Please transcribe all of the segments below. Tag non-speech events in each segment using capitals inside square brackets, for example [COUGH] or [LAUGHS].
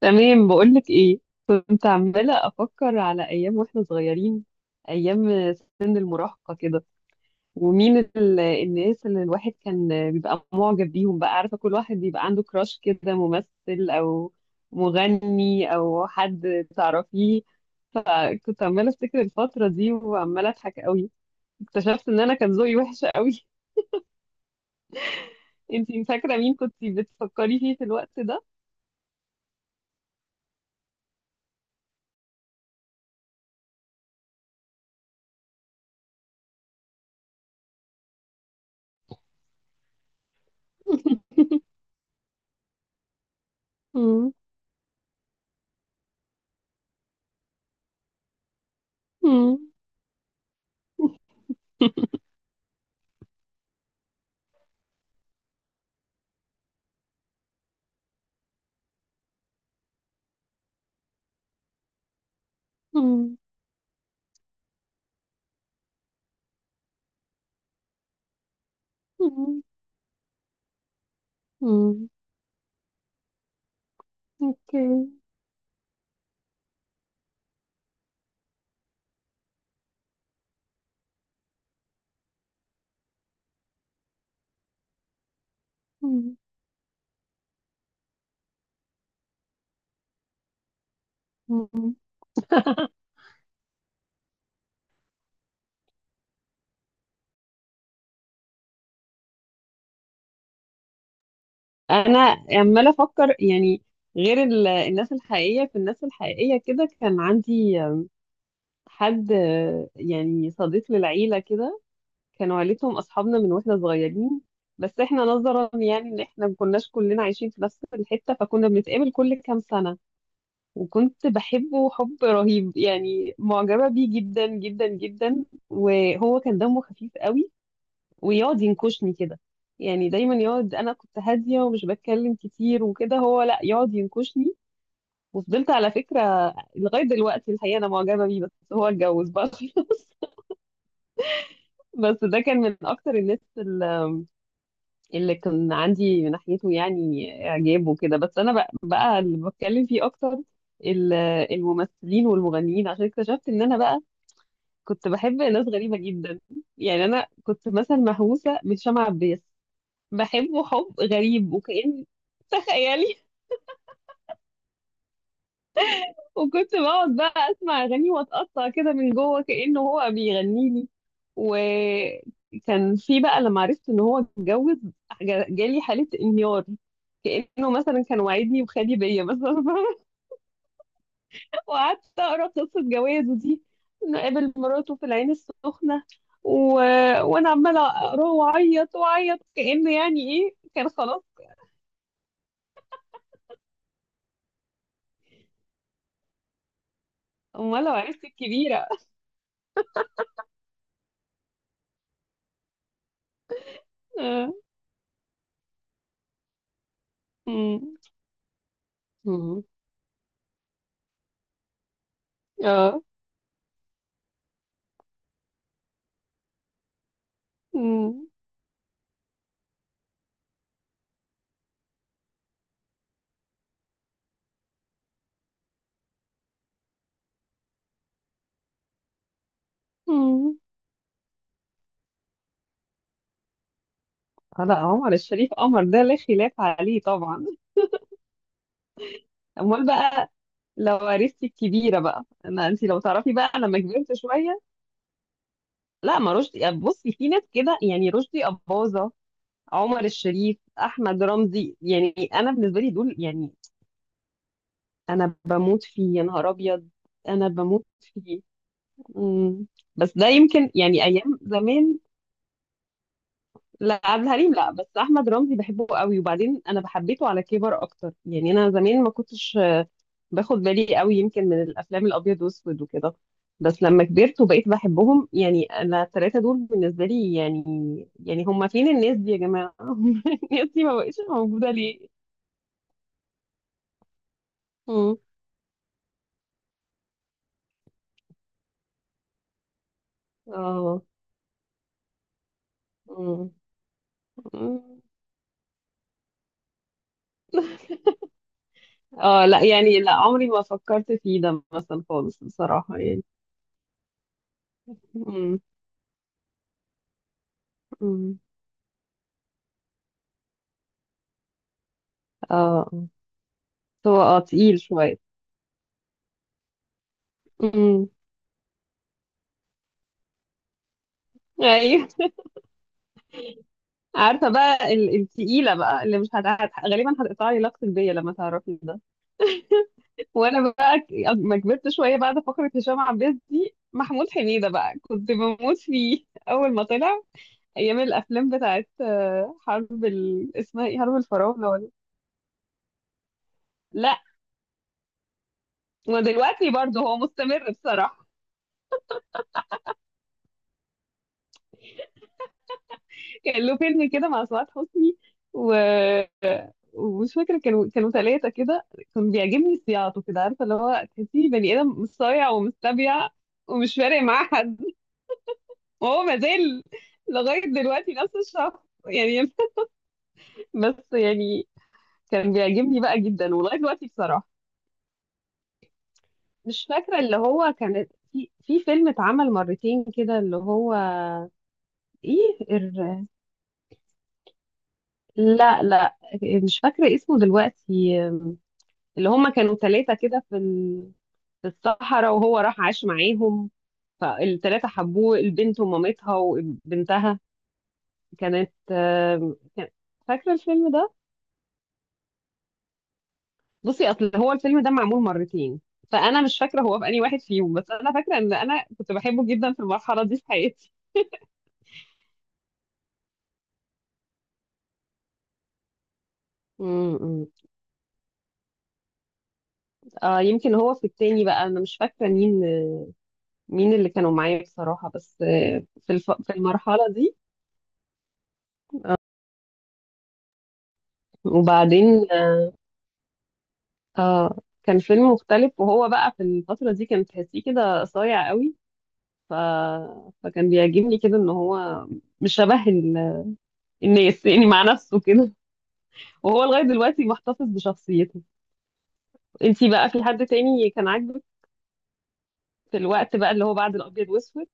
تمام، بقولك ايه. كنت عمالة أفكر على أيام واحنا صغيرين، أيام سن المراهقة كده. ومين الناس اللي الواحد كان بيبقى معجب بيهم بقى. عارفة، كل واحد بيبقى عنده كراش كده، ممثل أو مغني أو حد تعرفيه. فكنت عمالة أفتكر الفترة دي وعمالة أضحك قوي. اكتشفت إن أنا كان ذوقي وحش قوي. [LAUGHS] انتي فاكرة مين كنت بتفكري فيه في الوقت ده؟ مم. مم. مم. مم. مم. اوكي. مم. مم. انا عماله افكر يعني، غير الناس الحقيقيه، في الناس الحقيقيه كده كان عندي حد، يعني صديق للعيله كده. كانوا عيلتهم اصحابنا من واحنا صغيرين، بس احنا نظرا يعني ان احنا ما كناش كلنا عايشين في نفس الحته فكنا بنتقابل كل كام سنه. وكنت بحبه حب رهيب، يعني معجبه بيه جدا جدا جدا. وهو كان دمه خفيف قوي، ويقعد ينكشني كده. يعني دايما يقعد، انا كنت هاديه ومش بتكلم كتير وكده، هو لا يقعد ينكشني. وفضلت على فكره لغايه دلوقتي الحقيقه انا معجبه بيه، بس هو اتجوز بقى [LAUGHS] خلاص. بس ده كان من اكتر الناس اللي كان عندي من ناحيته يعني اعجاب وكده، بس انا بقى اللي بتكلم فيه اكتر ال- الممثلين والمغنيين عشان اكتشفت ان انا بقى كنت بحب ناس غريبه جدا. يعني انا كنت مثلا مهووسه بهشام عباس، بحبه حب غريب وكأن، تخيلي. [LAUGHS] وكنت بقعد بقى اسمع اغانيه واتقطع كده من جوه كأنه هو بيغني لي. وكان في بقى لما عرفت ان هو اتجوز جالي حالة انهيار، كأنه مثلا كان وعدني وخالي بيا مثلا. [LAUGHS] وقعدت اقرا قصة جوازه دي، انه قابل مراته في العين السخنة و... وانا عمالة اقراه واعيط واعيط، كأنه يعني ايه، كان خلاص. امال لو عرفت الكبيرة. آه. مم. اه. مم. مم. لا، عمر الشريف قمر، ده لا خلاف عليه طبعا. امال بقى لو عرفتي الكبيره بقى، انا انت لو تعرفي بقى لما كبرت شويه. لا، ما رشدي يعني، بصي في ناس كده، يعني رشدي اباظه، عمر الشريف، احمد رمزي، يعني انا بالنسبه لي دول يعني. انا بموت فيه يا نهار ابيض، انا بموت فيه. مم. بس ده يمكن يعني ايام زمان. لا عبد الحليم لا، بس احمد رمزي بحبه قوي، وبعدين انا بحبيته على كبر اكتر. يعني انا زمان ما كنتش باخد بالي قوي، يمكن من الافلام الابيض واسود وكده. بس لما كبرت وبقيت بحبهم، يعني انا الثلاثه دول بالنسبه لي يعني، يعني هم فين الناس دي يا جماعه؟ [LAUGHS] الناس دي ما بقتش موجوده ليه. مم. اه. مم. [LAUGHS] مم. اه لا، يعني لا عمري ما فكرت فيه ده مثلا خالص بصراحه يعني. مم. مم. اه. آه. هو اه تقيل شويه. مم. ايوه. عارفه بقى التقيله بقى، اللي مش غالبا هتقطع لي علاقتك بيا لما تعرفي ده. وانا بقى لما كبرت شويه بعد فقره هشام عباس دي، محمود حميده بقى كنت بموت فيه اول ما طلع، ايام الافلام بتاعت حرب اسمها ايه، حرب الفراعنه ولا. لا. ودلوقتي برضه هو مستمر بصراحه. [LAUGHS] كان له فيلم كده مع سعاد حسني، ومش فاكره، كانوا ثلاثه كده. كان بيعجبني صياعته كده، عارفه اللي هو تحسيه بني ادم مصايع ومستبيع، ومش فارق معاه حد. وهو ما زال لغايه دلوقتي نفس الشخص يعني. [LAUGHS] بس يعني كان بيعجبني بقى جدا ولغايه دلوقتي بصراحه. مش فاكره، اللي هو كان في فيلم اتعمل مرتين كده اللي هو ايه الر... لا لا، مش فاكره اسمه دلوقتي. اللي هما كانوا ثلاثه كده في الصحراء، وهو راح عاش معاهم، فالتلاتة حبوه، البنت ومامتها وبنتها. كانت فاكرة الفيلم ده؟ بصي أصل هو الفيلم ده معمول مرتين، فأنا مش فاكرة هو في أي واحد فيهم، بس أنا فاكرة إن أنا كنت بحبه جدا في المرحلة دي في حياتي. امم. آه يمكن هو في التاني، بقى أنا مش فاكرة مين، مين اللي كانوا معايا بصراحة، بس في في المرحلة دي. وبعدين آه كان فيلم مختلف، وهو بقى في الفترة دي كان تحسيه كده صايع قوي ف... فكان بيعجبني كده ان هو مش شبه الناس يعني، مع نفسه كده. وهو لغاية دلوقتي محتفظ بشخصيته. انتي بقى في حد تاني كان عاجبك في الوقت بقى اللي هو بعد الابيض واسود؟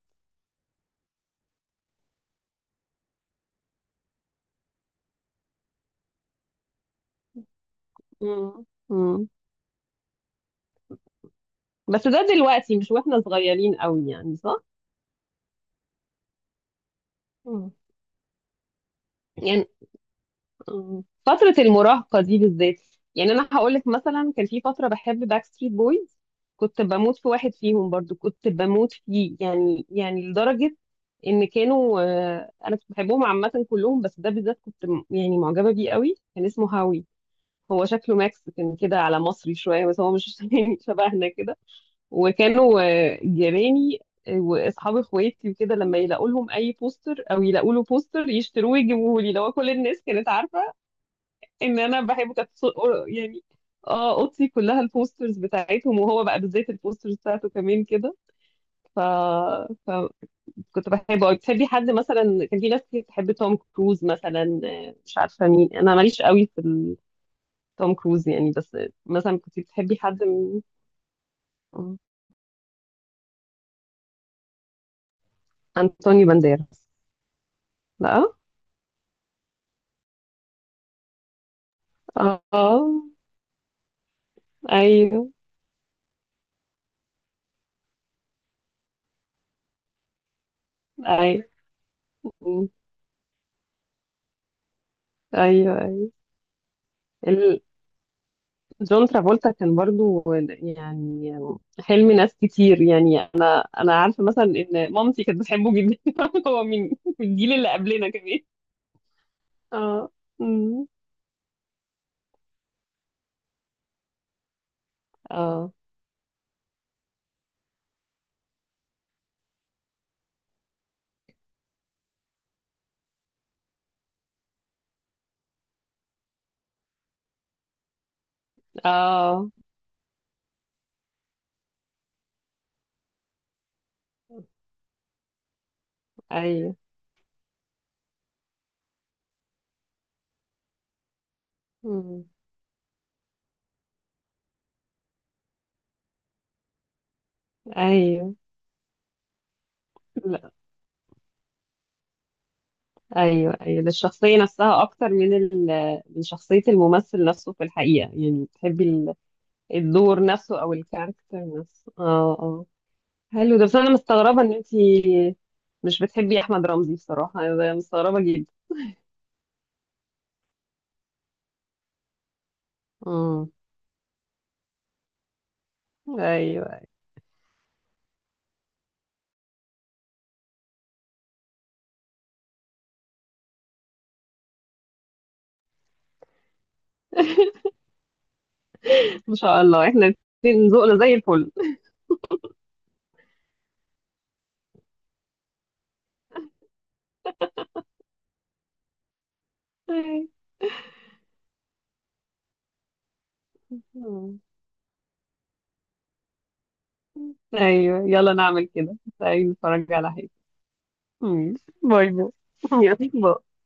مم. مم. بس ده دلوقتي مش واحنا صغيرين قوي يعني، صح. مم. يعني. مم. فترة المراهقة دي بالذات، يعني أنا هقولك مثلا كان في فترة بحب باك ستريت بويز. كنت بموت في واحد فيهم، برضو كنت بموت فيه، يعني يعني لدرجة إن كانوا أنا كنت بحبهم عامة كلهم، بس ده بالذات كنت يعني معجبة بيه قوي. كان اسمه هاوي، هو شكله ماكس كان كده على مصري شوية، بس هو مش [LAUGHS] يعني شبهنا كده. وكانوا جيراني واصحاب اخواتي وكده، لما يلاقوا لهم اي بوستر او يلاقوا له بوستر يشتروه ويجيبوه لي. لو كل الناس كانت عارفه ان انا بحبه كانت يعني، اه، اوضتي كلها البوسترز بتاعتهم، وهو بقى بالذات البوسترز بتاعته كمان كده ف... فكنت بحبه قوي. بتحبي حد مثلا؟ كان في ناس كتير بتحب توم كروز مثلا، مش عارفه مين، انا ماليش قوي في توم كروز يعني. بس مثلا كنت بتحبي حد من آه، انطونيو بانديراس؟ لا. اه. آه. ايوه. ايوه. أمم. ايوه. ايوه، جون ترافولتا كان برضو يعني حلم ناس كتير، يعني انا عارفه مثلا ان مامتي كانت بتحبه جدا. [LAUGHS] هو من الجيل اللي قبلنا كمان. اه. أمم. اه. اه. ايوه. أمم. ايوه. لا. ايوه ايوه، ده الشخصيه نفسها اكتر من من شخصيه الممثل نفسه في الحقيقه، يعني بتحبي الدور نفسه او الكاركتر نفسه. اه اه. حلو ده، بس انا مستغربه ان انتي مش بتحبي احمد رمزي بصراحه، انا مستغربه جدا. امم. ايوه. ان شاء الله احنا الاتنين ذوقنا زي الفل. مم. ايوه يلا نعمل كده، تعالي نتفرج على حاجه. مم. باي باي. [LAUGHS] يلا باي.